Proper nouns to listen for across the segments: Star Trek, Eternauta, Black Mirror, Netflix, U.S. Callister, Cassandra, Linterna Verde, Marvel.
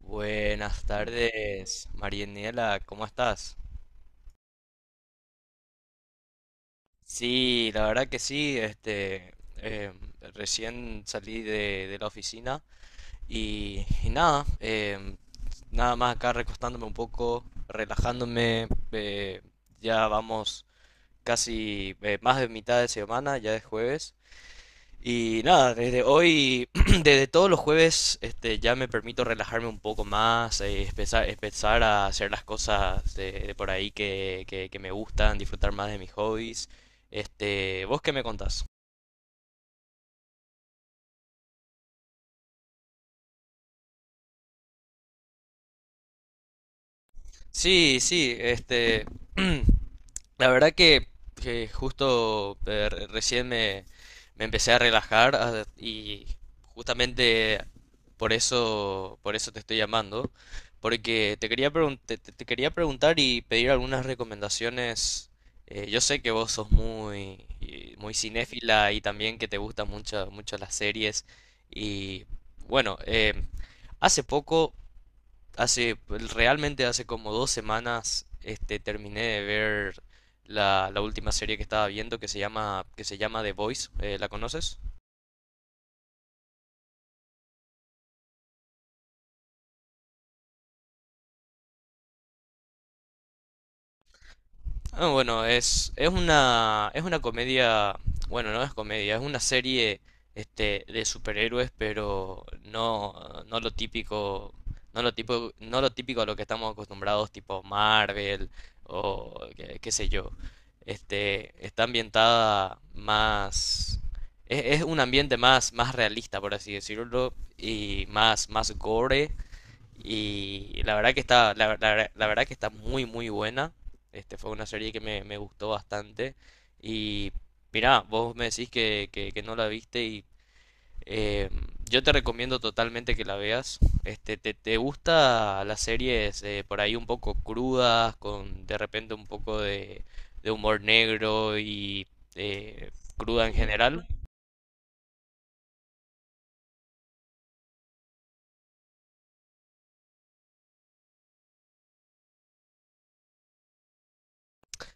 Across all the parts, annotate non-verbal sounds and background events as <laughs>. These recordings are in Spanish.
Buenas tardes, Marianela, ¿cómo estás? Sí, la verdad que sí, este, recién salí de la oficina y nada, nada más acá recostándome un poco, relajándome, ya vamos casi más de mitad de semana, ya es jueves. Y nada, desde hoy, <clears throat> desde todos los jueves, este, ya me permito relajarme un poco más, empezar a hacer las cosas de por ahí que me gustan, disfrutar más de mis hobbies. Este, ¿vos qué me contás? Sí, sí, este, <clears throat> la verdad que justo recién me empecé a relajar, ah, y justamente por eso te estoy llamando, porque te quería preguntar y pedir algunas recomendaciones. Yo sé que vos sos muy cinéfila, y también que te gustan mucho, mucho las series. Y bueno, hace poco hace, pues, realmente hace como 2 semanas, este, terminé de ver la última serie que estaba viendo que se llama The Voice. ¿La conoces? Ah, bueno, es una comedia; bueno, no es comedia, es una serie, este, de superhéroes, pero no, no lo típico, no lo típico a lo que estamos acostumbrados, tipo Marvel, o qué sé yo. Este, está ambientada más, es un ambiente más, más, realista, por así decirlo, y más gore, y la verdad que la verdad que está muy muy buena. Este fue una serie que me gustó bastante. Y mirá, vos me decís que no la viste, y eh, yo te recomiendo totalmente que la veas. Este, te gusta las series, por ahí un poco crudas, con de repente un poco de humor negro, y eh, cruda en general.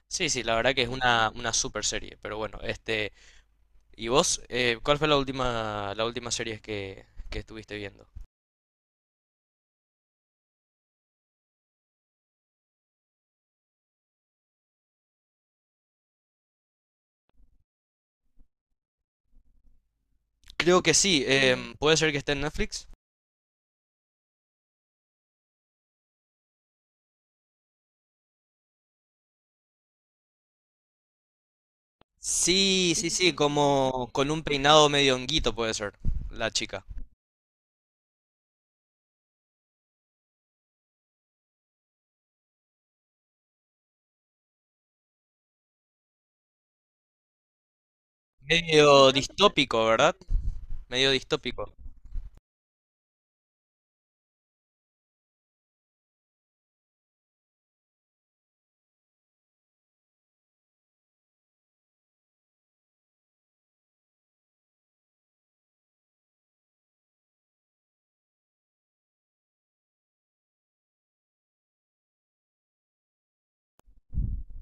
Sí, sí, la verdad que es una super serie. Pero bueno, este. ¿Y vos, cuál fue la última serie que estuviste viendo? Creo que sí. Puede ser que esté en Netflix. Sí, sí, sí, como con un peinado medio honguito puede ser, la chica. Medio distópico, ¿verdad? Medio distópico.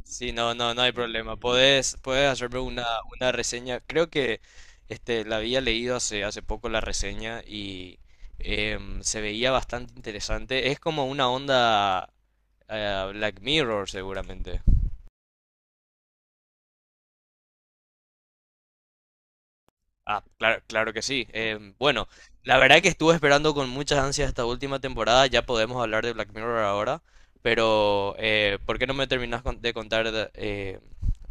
Sí, no, no, no hay problema. Podés hacerme una reseña. Creo que, este, la había leído hace poco la reseña, y se veía bastante interesante. Es como una onda, Black Mirror, seguramente. Ah, claro, claro que sí. Bueno, la verdad es que estuve esperando con muchas ansias esta última temporada. Ya podemos hablar de Black Mirror ahora, pero ¿por qué no me terminas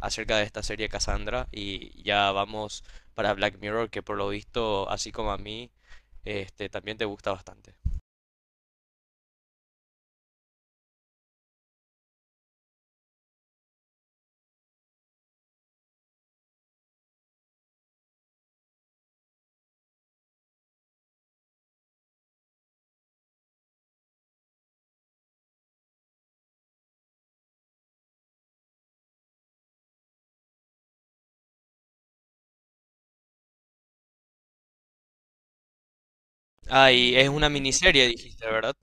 acerca de esta serie Cassandra? Y ya vamos para Black Mirror, que por lo visto, así como a mí, este, también te gusta bastante. Ah, y es una miniserie, dijiste, ¿verdad?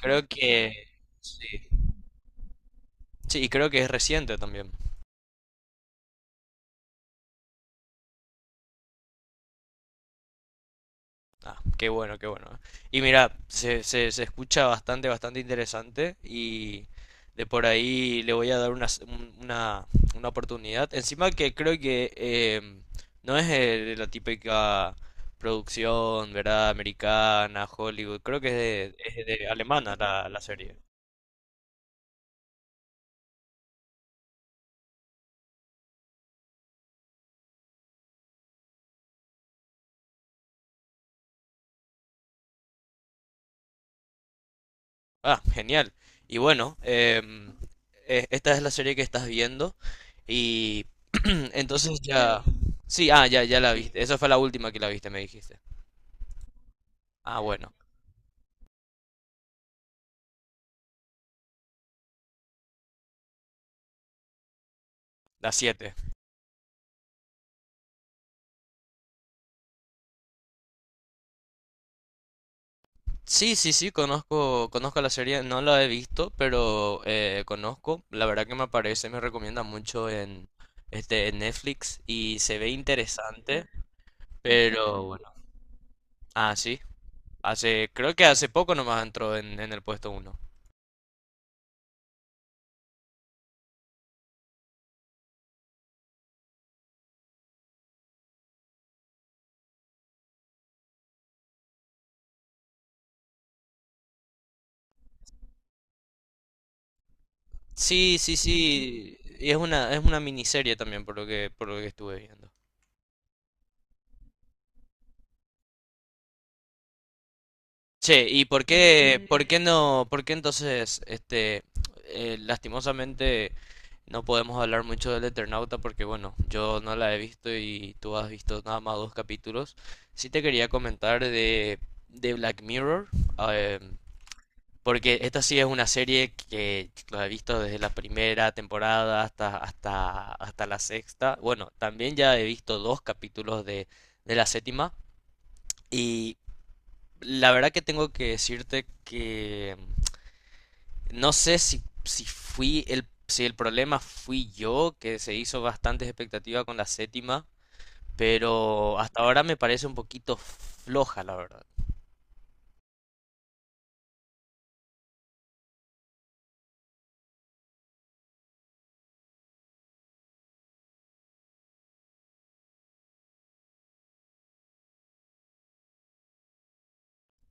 Creo que sí. Sí, y creo que es reciente también. Ah, qué bueno, qué bueno. Y mira, se escucha bastante, bastante interesante, y de por ahí le voy a dar una, s- un- una oportunidad. Encima que creo que, em, no es, la típica producción, ¿verdad? Americana, Hollywood. Creo que es de, alemana la serie. Ah, genial. Y bueno, esta es la serie que estás viendo, y <clears throat> entonces ya... Sí, ah, ya, ya la viste. Esa fue la última que la viste, me dijiste. Ah, bueno, la 7. Sí, sí, sí, conozco, conozco la serie, no la he visto, pero conozco. La verdad que me aparece, me recomienda mucho en, este, en Netflix, y se ve interesante, pero bueno. Ah, sí, hace, creo que hace poco nomás entró en el puesto uno. Sí, sí, sí, y es una miniserie también, por lo que estuve viendo. Che, ¿y por qué entonces, este, lastimosamente... No podemos hablar mucho del Eternauta porque, bueno, yo no la he visto, y tú has visto nada más dos capítulos. Sí te quería comentar de Black Mirror, eh, porque esta sí es una serie que la he visto desde la primera temporada hasta la sexta. Bueno, también ya he visto dos capítulos de la séptima, y la verdad que tengo que decirte que no sé si el problema fui yo, que se hizo bastante expectativa con la séptima, pero hasta ahora me parece un poquito floja, la verdad.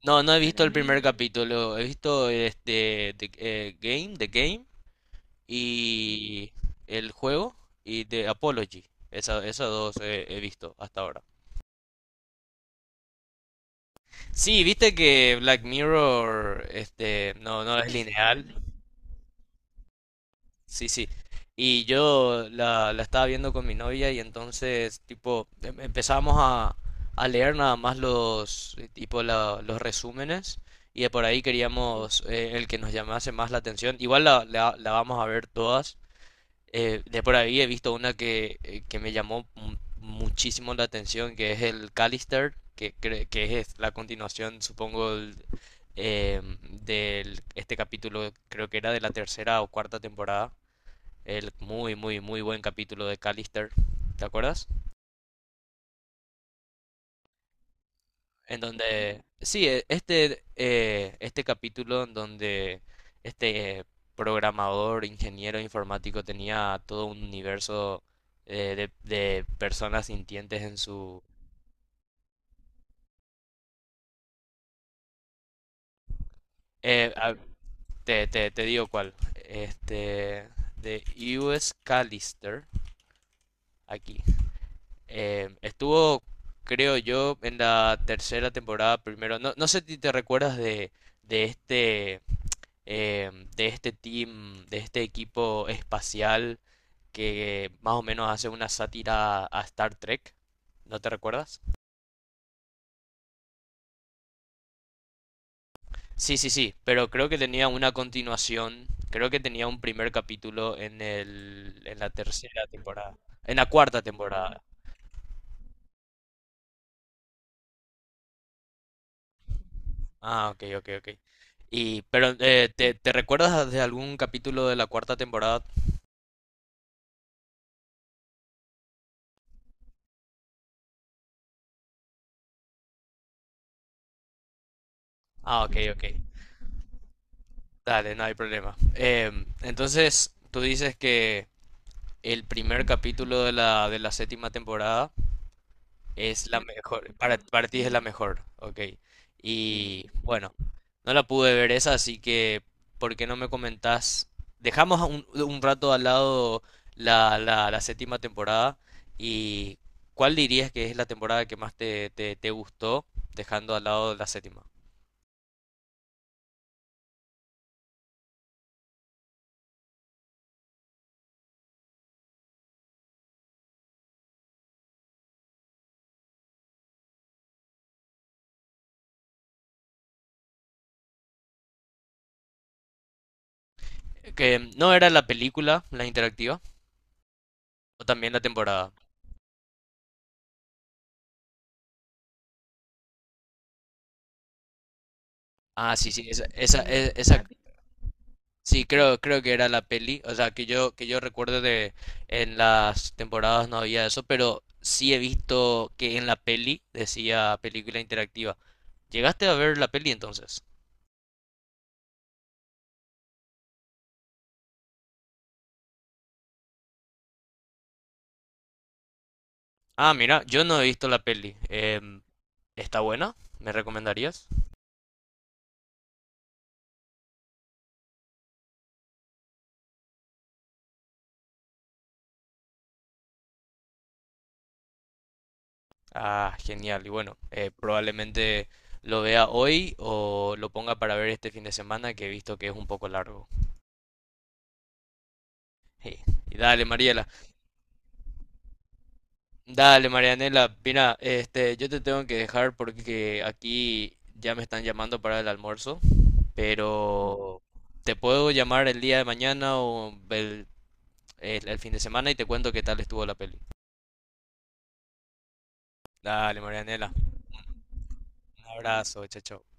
No, no he visto el primer, capítulo; he visto este The Game, y el juego, y The Apology. Esas dos he visto hasta ahora. Sí, viste que Black Mirror, este, no es lineal. Sí, sí. Y yo la estaba viendo con mi novia, y entonces, tipo, empezamos a leer nada más los, tipo, los resúmenes, y de por ahí queríamos, el que nos llamase más la atención. Igual la vamos a ver todas. De por ahí he visto una que me llamó muchísimo la atención, que es el Callister, que es la continuación, supongo, em, este capítulo. Creo que era de la tercera o cuarta temporada, el muy, muy, muy buen capítulo de Callister, ¿te acuerdas? En donde, sí, este capítulo en donde este, programador, ingeniero informático, tenía todo un universo, de personas sintientes en su... eh, a- te digo cuál. Este, de U.S. Callister. Aquí Estuvo, creo yo, en la tercera temporada primero. No, no sé si te recuerdas de este, de este team, de este equipo espacial, que más o menos hace una sátira a Star Trek. ¿No te recuerdas? Sí, sí, sí, pero creo que tenía una continuación, creo que tenía un primer capítulo en el, en la tercera temporada, en la cuarta temporada. Ah, ok, ok, ok. Y, pero, ¿Te recuerdas de algún capítulo de la cuarta temporada? Ah, ok, ok. Dale, no hay problema. Entonces, tú dices que el primer capítulo de de la séptima temporada es la mejor. Para, ti es la mejor, ok. Y bueno, no la pude ver esa, así que, ¿por qué no me comentás? Dejamos un rato al lado la séptima temporada, y ¿cuál dirías que es la temporada que más te gustó, dejando al lado la séptima? Que no era la película, la interactiva, o también la temporada. Ah, sí, sí, esa. Sí, creo que era la peli, o sea, que yo recuerdo de en las temporadas no había eso, pero sí he visto que en la peli decía película interactiva. ¿Llegaste a ver la peli entonces? Ah, mira, yo no he visto la peli. ¿Está buena? ¿Me recomendarías? Ah, genial. Y bueno, probablemente lo vea hoy, o lo ponga para ver este fin de semana, que he visto que es un poco largo. <laughs> Sí. Y dale, Mariela. Dale, Marianela, mira, este, yo te tengo que dejar porque aquí ya me están llamando para el almuerzo, pero te puedo llamar el día de mañana, o el fin de semana, y te cuento qué tal estuvo la peli. Dale, Marianela, un abrazo, chao, chao.